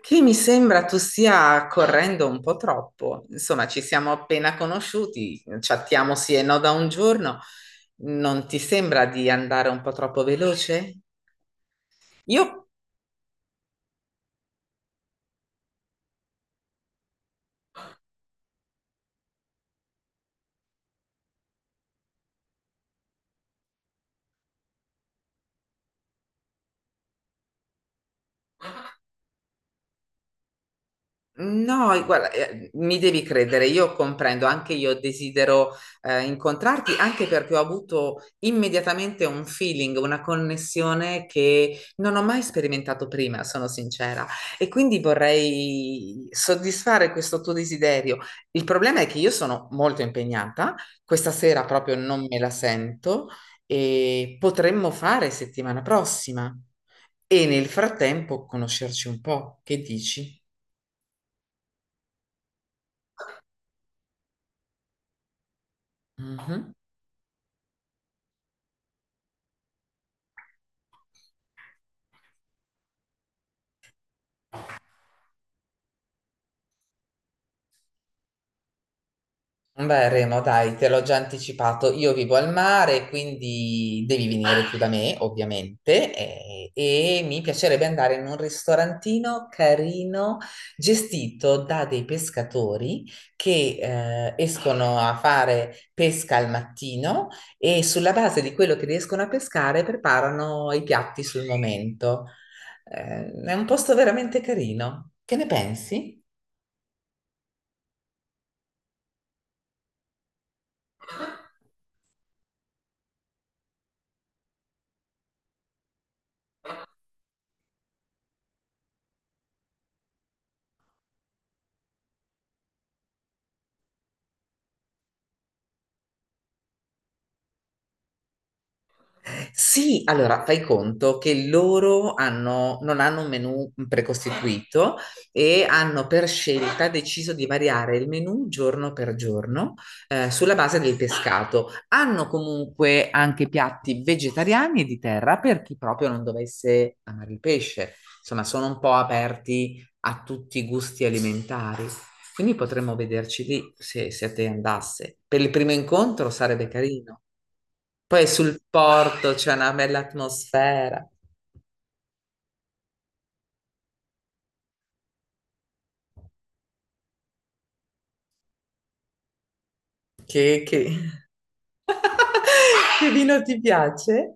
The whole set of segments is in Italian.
Che mi sembra tu stia correndo un po' troppo. Insomma, ci siamo appena conosciuti, chattiamo sì e no da un giorno. Non ti sembra di andare un po' troppo veloce? Io no, e guarda, mi devi credere, io comprendo, anche io desidero incontrarti, anche perché ho avuto immediatamente un feeling, una connessione che non ho mai sperimentato prima, sono sincera, e quindi vorrei soddisfare questo tuo desiderio. Il problema è che io sono molto impegnata, questa sera proprio non me la sento e potremmo fare settimana prossima e nel frattempo conoscerci un po', che dici? Mhm. Beh, Remo, dai, te l'ho già anticipato. Io vivo al mare, quindi devi venire qui da me, ovviamente, e mi piacerebbe andare in un ristorantino carino gestito da dei pescatori che escono a fare pesca al mattino e sulla base di quello che riescono a pescare preparano i piatti sul momento. È un posto veramente carino. Che ne pensi? Sì, allora fai conto che non hanno un menù precostituito e hanno per scelta deciso di variare il menù giorno per giorno, sulla base del pescato. Hanno comunque anche piatti vegetariani e di terra per chi proprio non dovesse amare il pesce. Insomma, sono un po' aperti a tutti i gusti alimentari. Quindi potremmo vederci lì se, se a te andasse. Per il primo incontro sarebbe carino. Poi sul porto c'è una bella atmosfera. Che... che vino ti piace?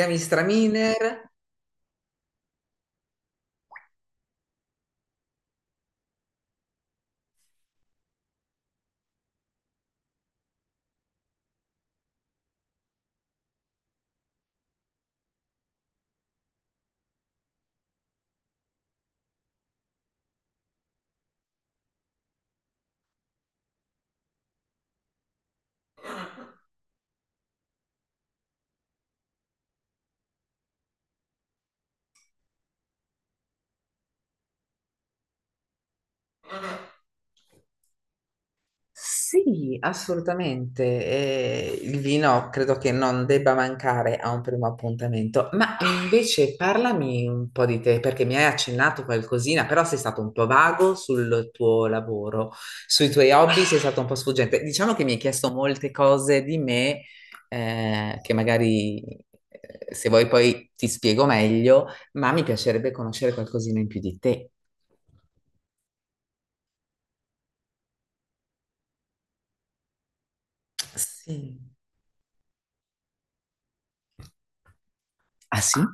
Gamistraminer? Sì, assolutamente. Il vino credo che non debba mancare a un primo appuntamento, ma invece parlami un po' di te, perché mi hai accennato qualcosina, però sei stato un po' vago sul tuo lavoro, sui tuoi hobby sei stato un po' sfuggente. Diciamo che mi hai chiesto molte cose di me, che magari, se vuoi poi ti spiego meglio, ma mi piacerebbe conoscere qualcosina in più di te. Sì. Ah sì? Ah,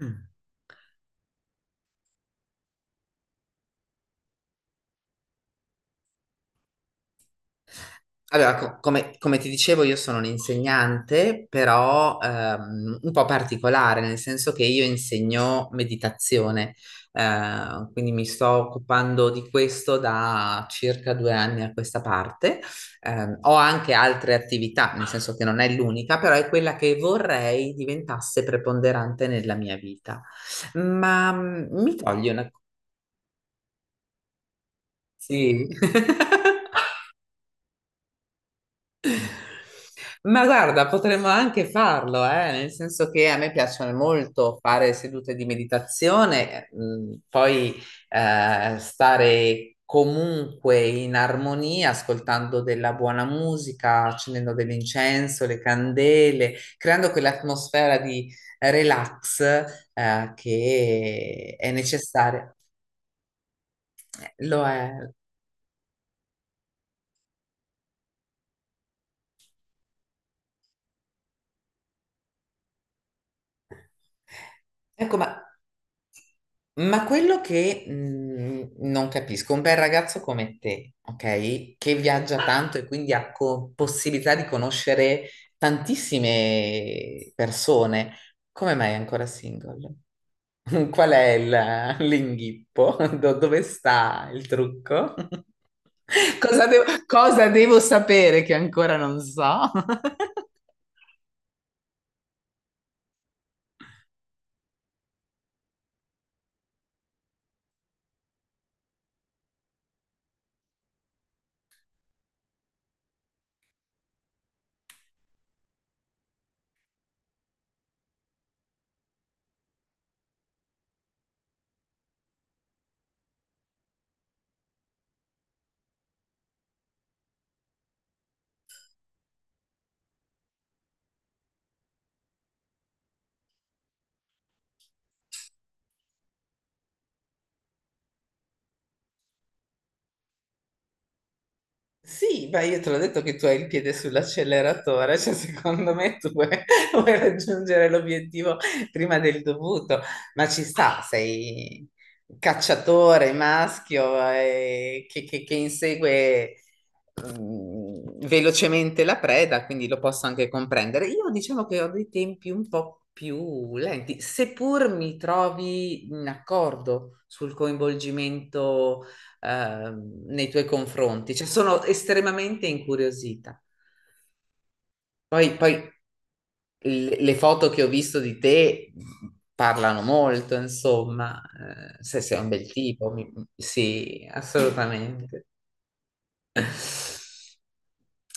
mm. Allora, come, come ti dicevo, io sono un'insegnante, però un po' particolare, nel senso che io insegno meditazione, quindi mi sto occupando di questo da circa due anni a questa parte. Ho anche altre attività, nel senso che non è l'unica, però è quella che vorrei diventasse preponderante nella mia vita. Ma mm, mi togli una... Sì. Ma guarda, potremmo anche farlo, nel senso che a me piacciono molto fare sedute di meditazione, poi, stare comunque in armonia, ascoltando della buona musica, accendendo dell'incenso, le candele, creando quell'atmosfera di relax, che è necessaria. Lo è. Ecco, ma quello che non capisco, un bel ragazzo come te, ok? Che viaggia tanto e quindi possibilità di conoscere tantissime persone, come mai è ancora single? Qual è l'inghippo? Dove sta il trucco? Cosa devo sapere che ancora non so? Sì, beh, io te l'ho detto che tu hai il piede sull'acceleratore, cioè secondo me tu vuoi, vuoi raggiungere l'obiettivo prima del dovuto, ma ci sta, sei cacciatore, maschio, che insegue mm, velocemente la preda, quindi lo posso anche comprendere. Io diciamo che ho dei tempi un po' più lenti, seppur mi trovi in accordo sul coinvolgimento nei tuoi confronti, cioè sono estremamente incuriosita. Poi le foto che ho visto di te parlano molto, insomma, se sei un bel tipo, sì, assolutamente.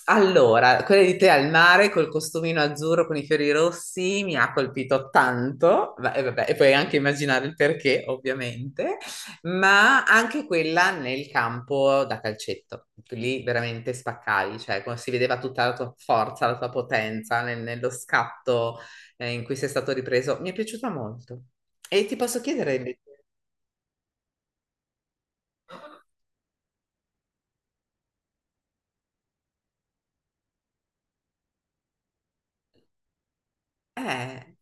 Allora, quella di te al mare col costumino azzurro con i fiori rossi mi ha colpito tanto, vabbè, e puoi anche immaginare il perché, ovviamente, ma anche quella nel campo da calcetto. Lì veramente spaccavi, cioè come si vedeva tutta la tua forza, la tua potenza nello scatto, in cui sei stato ripreso. Mi è piaciuta molto. E ti posso chiedere invece? Eh,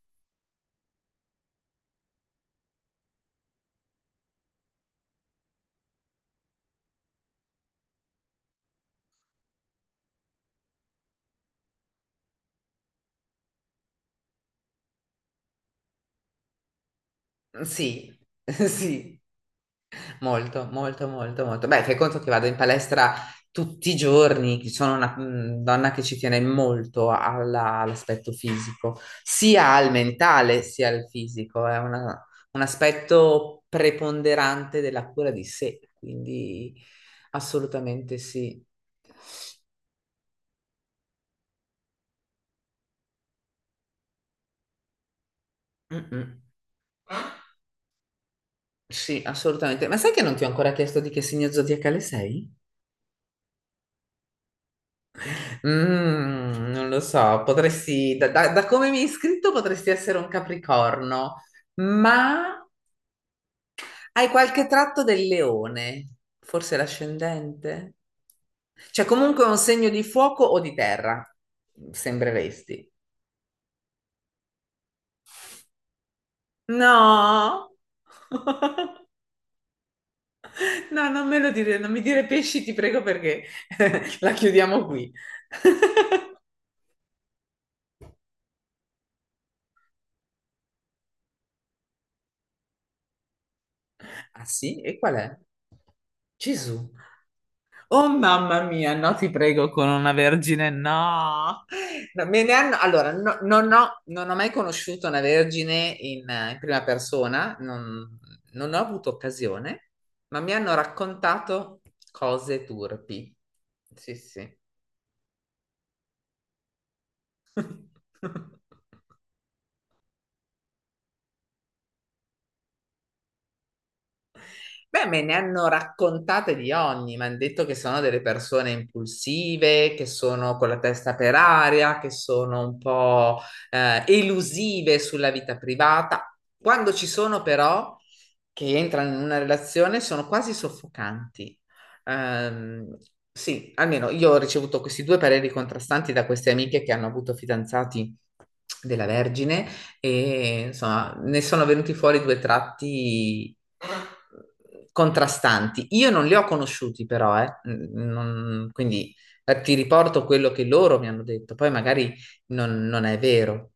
sì, sì. Molto, molto, molto, molto. Beh, fai conto che vado in palestra tutti i giorni, sono una mm, donna che ci tiene molto all'aspetto fisico, sia al mentale sia al fisico, è una un aspetto preponderante della cura di sé, quindi assolutamente sì. Mm, mm. Sì, assolutamente. Ma sai che non ti ho ancora chiesto di che segno zodiacale sei? Mm, non lo so, potresti, da come mi hai iscritto potresti essere un capricorno, ma hai qualche tratto del leone, forse l'ascendente? Cioè comunque un segno di fuoco o di terra, sembreresti. No, no, non me lo dire, non mi dire pesci, ti prego, perché la chiudiamo qui. Ah sì? E qual è? Gesù. Oh mamma mia, no, ti prego, con una vergine, no. No, me ne hanno- allora, no- non ho, non ho mai conosciuto una vergine in, in prima persona, non, non ho avuto occasione, ma mi hanno raccontato cose turpi. Sì, sì. Beh, me ne hanno raccontate di ogni, mi hanno detto che sono delle persone impulsive, che sono con la testa per aria, che sono un po', elusive sulla vita privata. Quando ci sono però, che entrano in una relazione, sono quasi soffocanti. Ehm, sì, almeno io ho ricevuto questi due pareri contrastanti da queste amiche che hanno avuto fidanzati della Vergine e insomma ne sono venuti fuori due tratti contrastanti. Io non li ho conosciuti però, eh. Quindi, ti riporto quello che loro mi hanno detto, poi magari non, non è vero.